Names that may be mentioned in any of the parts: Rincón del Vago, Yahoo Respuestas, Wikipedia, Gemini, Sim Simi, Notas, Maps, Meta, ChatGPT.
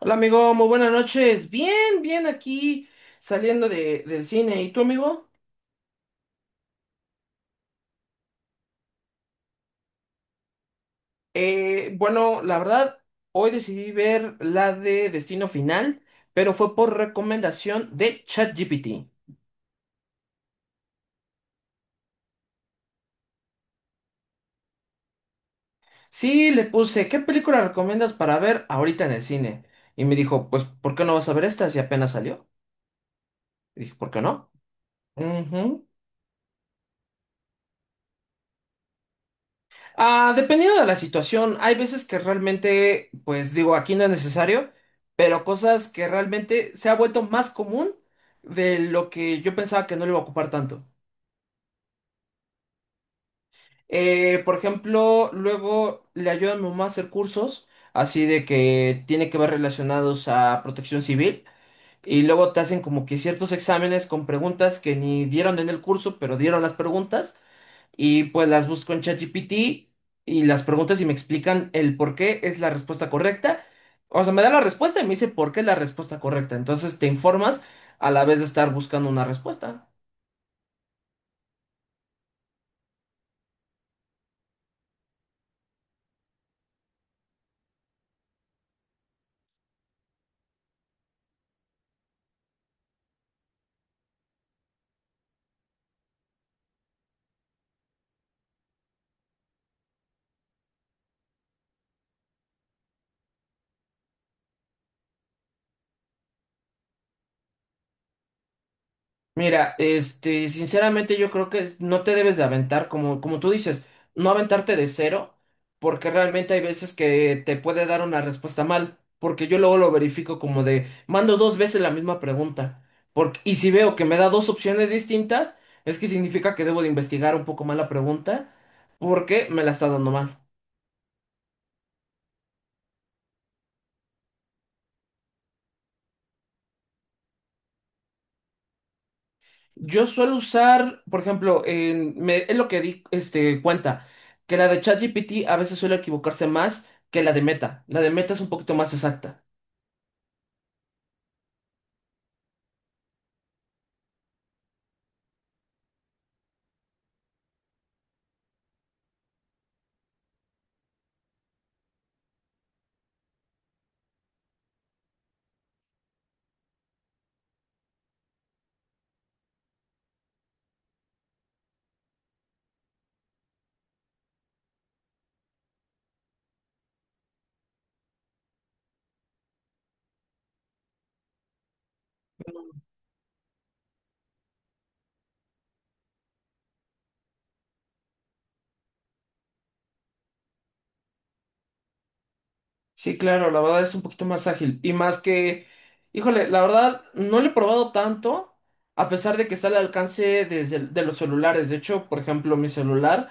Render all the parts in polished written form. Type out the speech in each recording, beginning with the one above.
Hola amigo, muy buenas noches. Bien, bien aquí saliendo del cine. ¿Y tú amigo? Bueno, la verdad, hoy decidí ver la de Destino Final, pero fue por recomendación de ChatGPT. Sí, le puse, ¿qué película recomiendas para ver ahorita en el cine? Y me dijo, pues, ¿por qué no vas a ver esta si apenas salió? Y dije, ¿por qué no? Ujú. Ah, dependiendo de la situación, hay veces que realmente, pues digo, aquí no es necesario, pero cosas que realmente se ha vuelto más común de lo que yo pensaba que no le iba a ocupar tanto. Por ejemplo, luego le ayuda a mi mamá a hacer cursos, así de que tiene que ver relacionados a protección civil, y luego te hacen como que ciertos exámenes con preguntas que ni dieron en el curso, pero dieron las preguntas. Y pues las busco en ChatGPT y las preguntas y me explican el por qué es la respuesta correcta. O sea, me da la respuesta y me dice por qué es la respuesta correcta. Entonces te informas a la vez de estar buscando una respuesta. Mira, este, sinceramente yo creo que no te debes de aventar, como tú dices, no aventarte de cero, porque realmente hay veces que te puede dar una respuesta mal, porque yo luego lo verifico como de, mando dos veces la misma pregunta, porque, y si veo que me da dos opciones distintas, es que significa que debo de investigar un poco más la pregunta, porque me la está dando mal. Yo suelo usar, por ejemplo, es lo que di este, cuenta, que la de ChatGPT a veces suele equivocarse más que la de Meta. La de Meta es un poquito más exacta. Sí, claro, la verdad es un poquito más ágil. Y más que, híjole, la verdad no lo he probado tanto, a pesar de que está al alcance desde de los celulares. De hecho, por ejemplo, mi celular.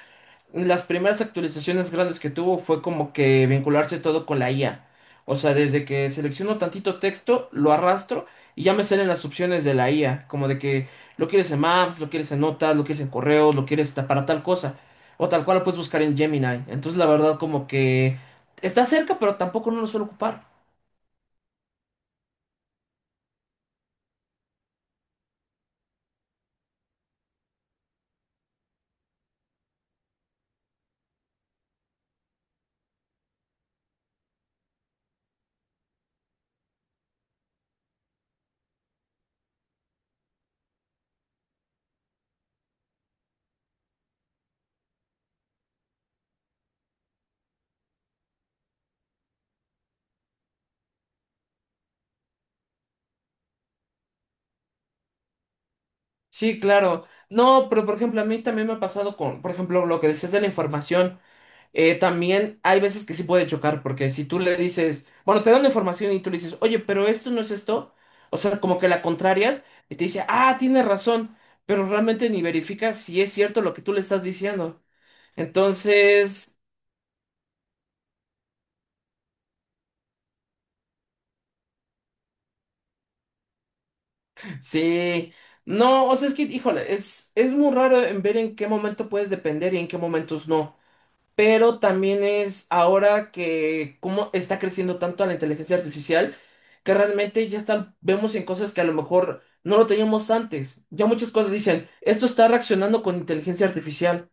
Las primeras actualizaciones grandes que tuvo fue como que vincularse todo con la IA. O sea, desde que selecciono tantito texto, lo arrastro y ya me salen las opciones de la IA. Como de que lo quieres en Maps, lo quieres en Notas, lo quieres en correos, lo quieres para tal cosa. O tal cual lo puedes buscar en Gemini. Entonces, la verdad, como que está cerca, pero tampoco no lo suelo ocupar. Sí, claro. No, pero por ejemplo, a mí también me ha pasado con, por ejemplo, lo que decías de la información. También hay veces que sí puede chocar, porque si tú le dices, bueno, te dan la información y tú le dices, oye, pero esto no es esto, o sea, como que la contrarias y te dice, ah, tienes razón, pero realmente ni verifica si es cierto lo que tú le estás diciendo. Entonces, sí, no, o sea, es que, híjole, es muy raro en ver en qué momento puedes depender y en qué momentos no. Pero también es ahora que cómo está creciendo tanto la inteligencia artificial, que realmente ya está, vemos en cosas que a lo mejor no lo teníamos antes. Ya muchas cosas dicen, esto está reaccionando con inteligencia artificial.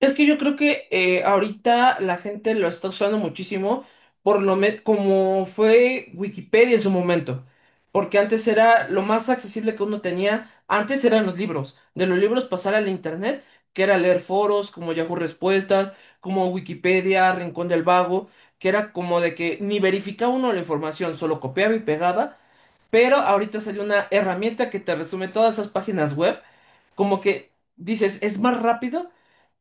Es que yo creo que ahorita la gente lo está usando muchísimo, como fue Wikipedia en su momento, porque antes era lo más accesible que uno tenía, antes eran los libros, de los libros pasar al internet, que era leer foros como Yahoo Respuestas, como Wikipedia, Rincón del Vago, que era como de que ni verificaba uno la información, solo copiaba y pegaba, pero ahorita salió una herramienta que te resume todas esas páginas web, como que dices, es más rápido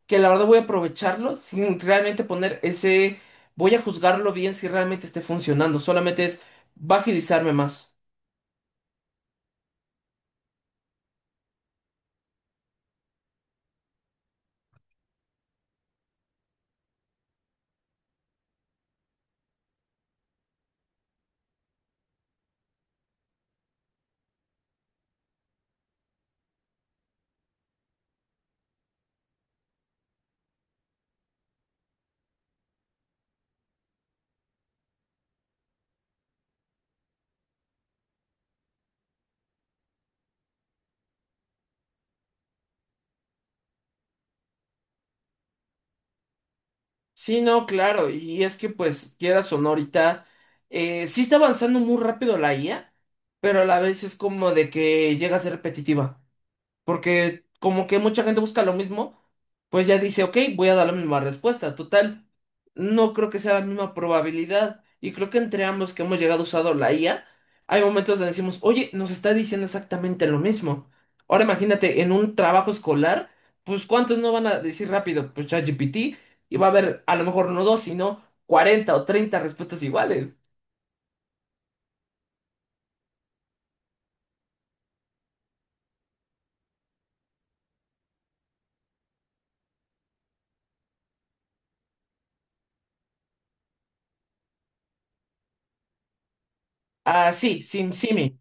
que la verdad voy a aprovecharlo sin realmente poner ese, voy a juzgarlo bien si realmente esté funcionando, solamente es, va a agilizarme más. Sí, no, claro, y es que pues quieras o no ahorita, sí está avanzando muy rápido la IA, pero a la vez es como de que llega a ser repetitiva. Porque como que mucha gente busca lo mismo, pues ya dice, ok, voy a dar la misma respuesta. Total, no creo que sea la misma probabilidad. Y creo que entre ambos que hemos llegado usando la IA, hay momentos donde decimos, oye, nos está diciendo exactamente lo mismo. Ahora imagínate, en un trabajo escolar, pues ¿cuántos no van a decir rápido? Pues ChatGPT, y va a haber a lo mejor no dos, sino 40 o 30 respuestas iguales. Ah, sí, Sim Simi.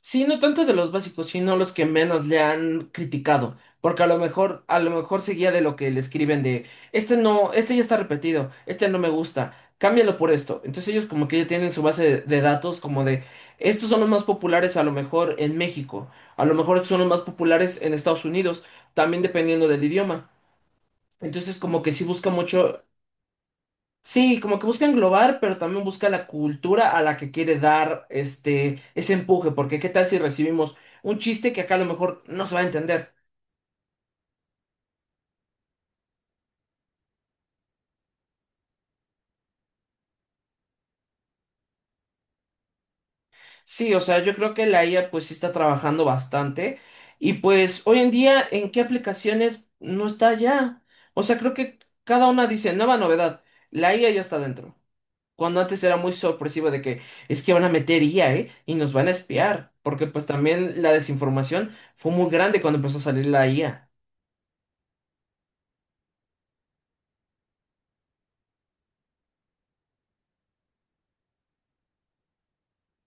Sí, no tanto de los básicos, sino los que menos le han criticado, porque a lo mejor se guía de lo que le escriben de, este no, este ya está repetido, este no me gusta, cámbialo por esto. Entonces ellos como que ya tienen su base de datos como de, estos son los más populares a lo mejor en México, a lo mejor son los más populares en Estados Unidos, también dependiendo del idioma. Entonces como que sí busca mucho. Sí, como que busca englobar, pero también busca la cultura a la que quiere dar este ese empuje, porque qué tal si recibimos un chiste que acá a lo mejor no se va a entender. Sí, o sea, yo creo que la IA pues sí está trabajando bastante y pues hoy en día en qué aplicaciones no está ya. O sea, creo que cada una dice nueva novedad, la IA ya está dentro. Cuando antes era muy sorpresivo de que es que van a meter IA, ¿eh? Y nos van a espiar, porque pues también la desinformación fue muy grande cuando empezó a salir la IA.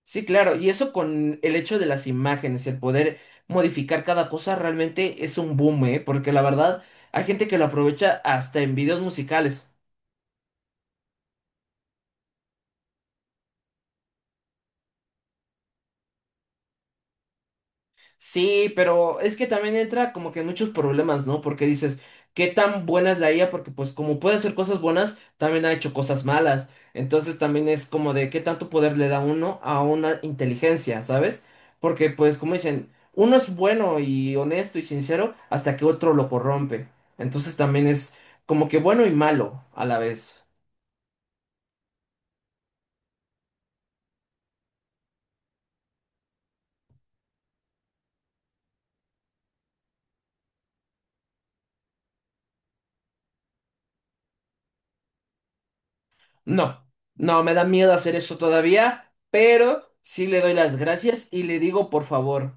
Sí, claro, y eso con el hecho de las imágenes, el poder modificar cada cosa realmente es un boom, ¿eh? Porque la verdad hay gente que lo aprovecha hasta en videos musicales. Sí, pero es que también entra como que muchos problemas, ¿no? Porque dices, ¿qué tan buena es la IA? Porque pues como puede hacer cosas buenas, también ha hecho cosas malas. Entonces también es como de qué tanto poder le da uno a una inteligencia, ¿sabes? Porque pues como dicen, uno es bueno y honesto y sincero hasta que otro lo corrompe. Entonces también es como que bueno y malo a la vez. No, no, me da miedo hacer eso todavía, pero sí le doy las gracias y le digo por favor,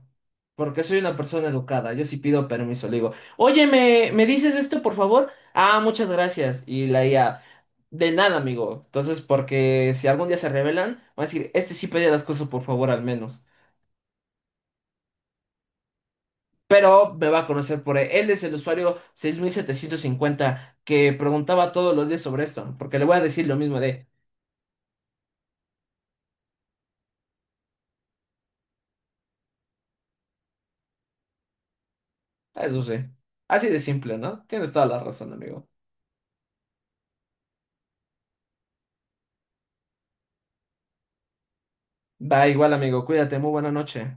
porque soy una persona educada, yo sí pido permiso, le digo, oye, ¿ me dices esto por favor? Ah, muchas gracias. Y la IA, de nada, amigo. Entonces, porque si algún día se rebelan, van a decir, este sí pedía las cosas por favor al menos. Pero me va a conocer por él. Él es el usuario 6750 que preguntaba todos los días sobre esto, porque le voy a decir lo mismo de. Ah, eso sí. Así de simple, ¿no? Tienes toda la razón, amigo. Va igual, amigo. Cuídate. Muy buena noche.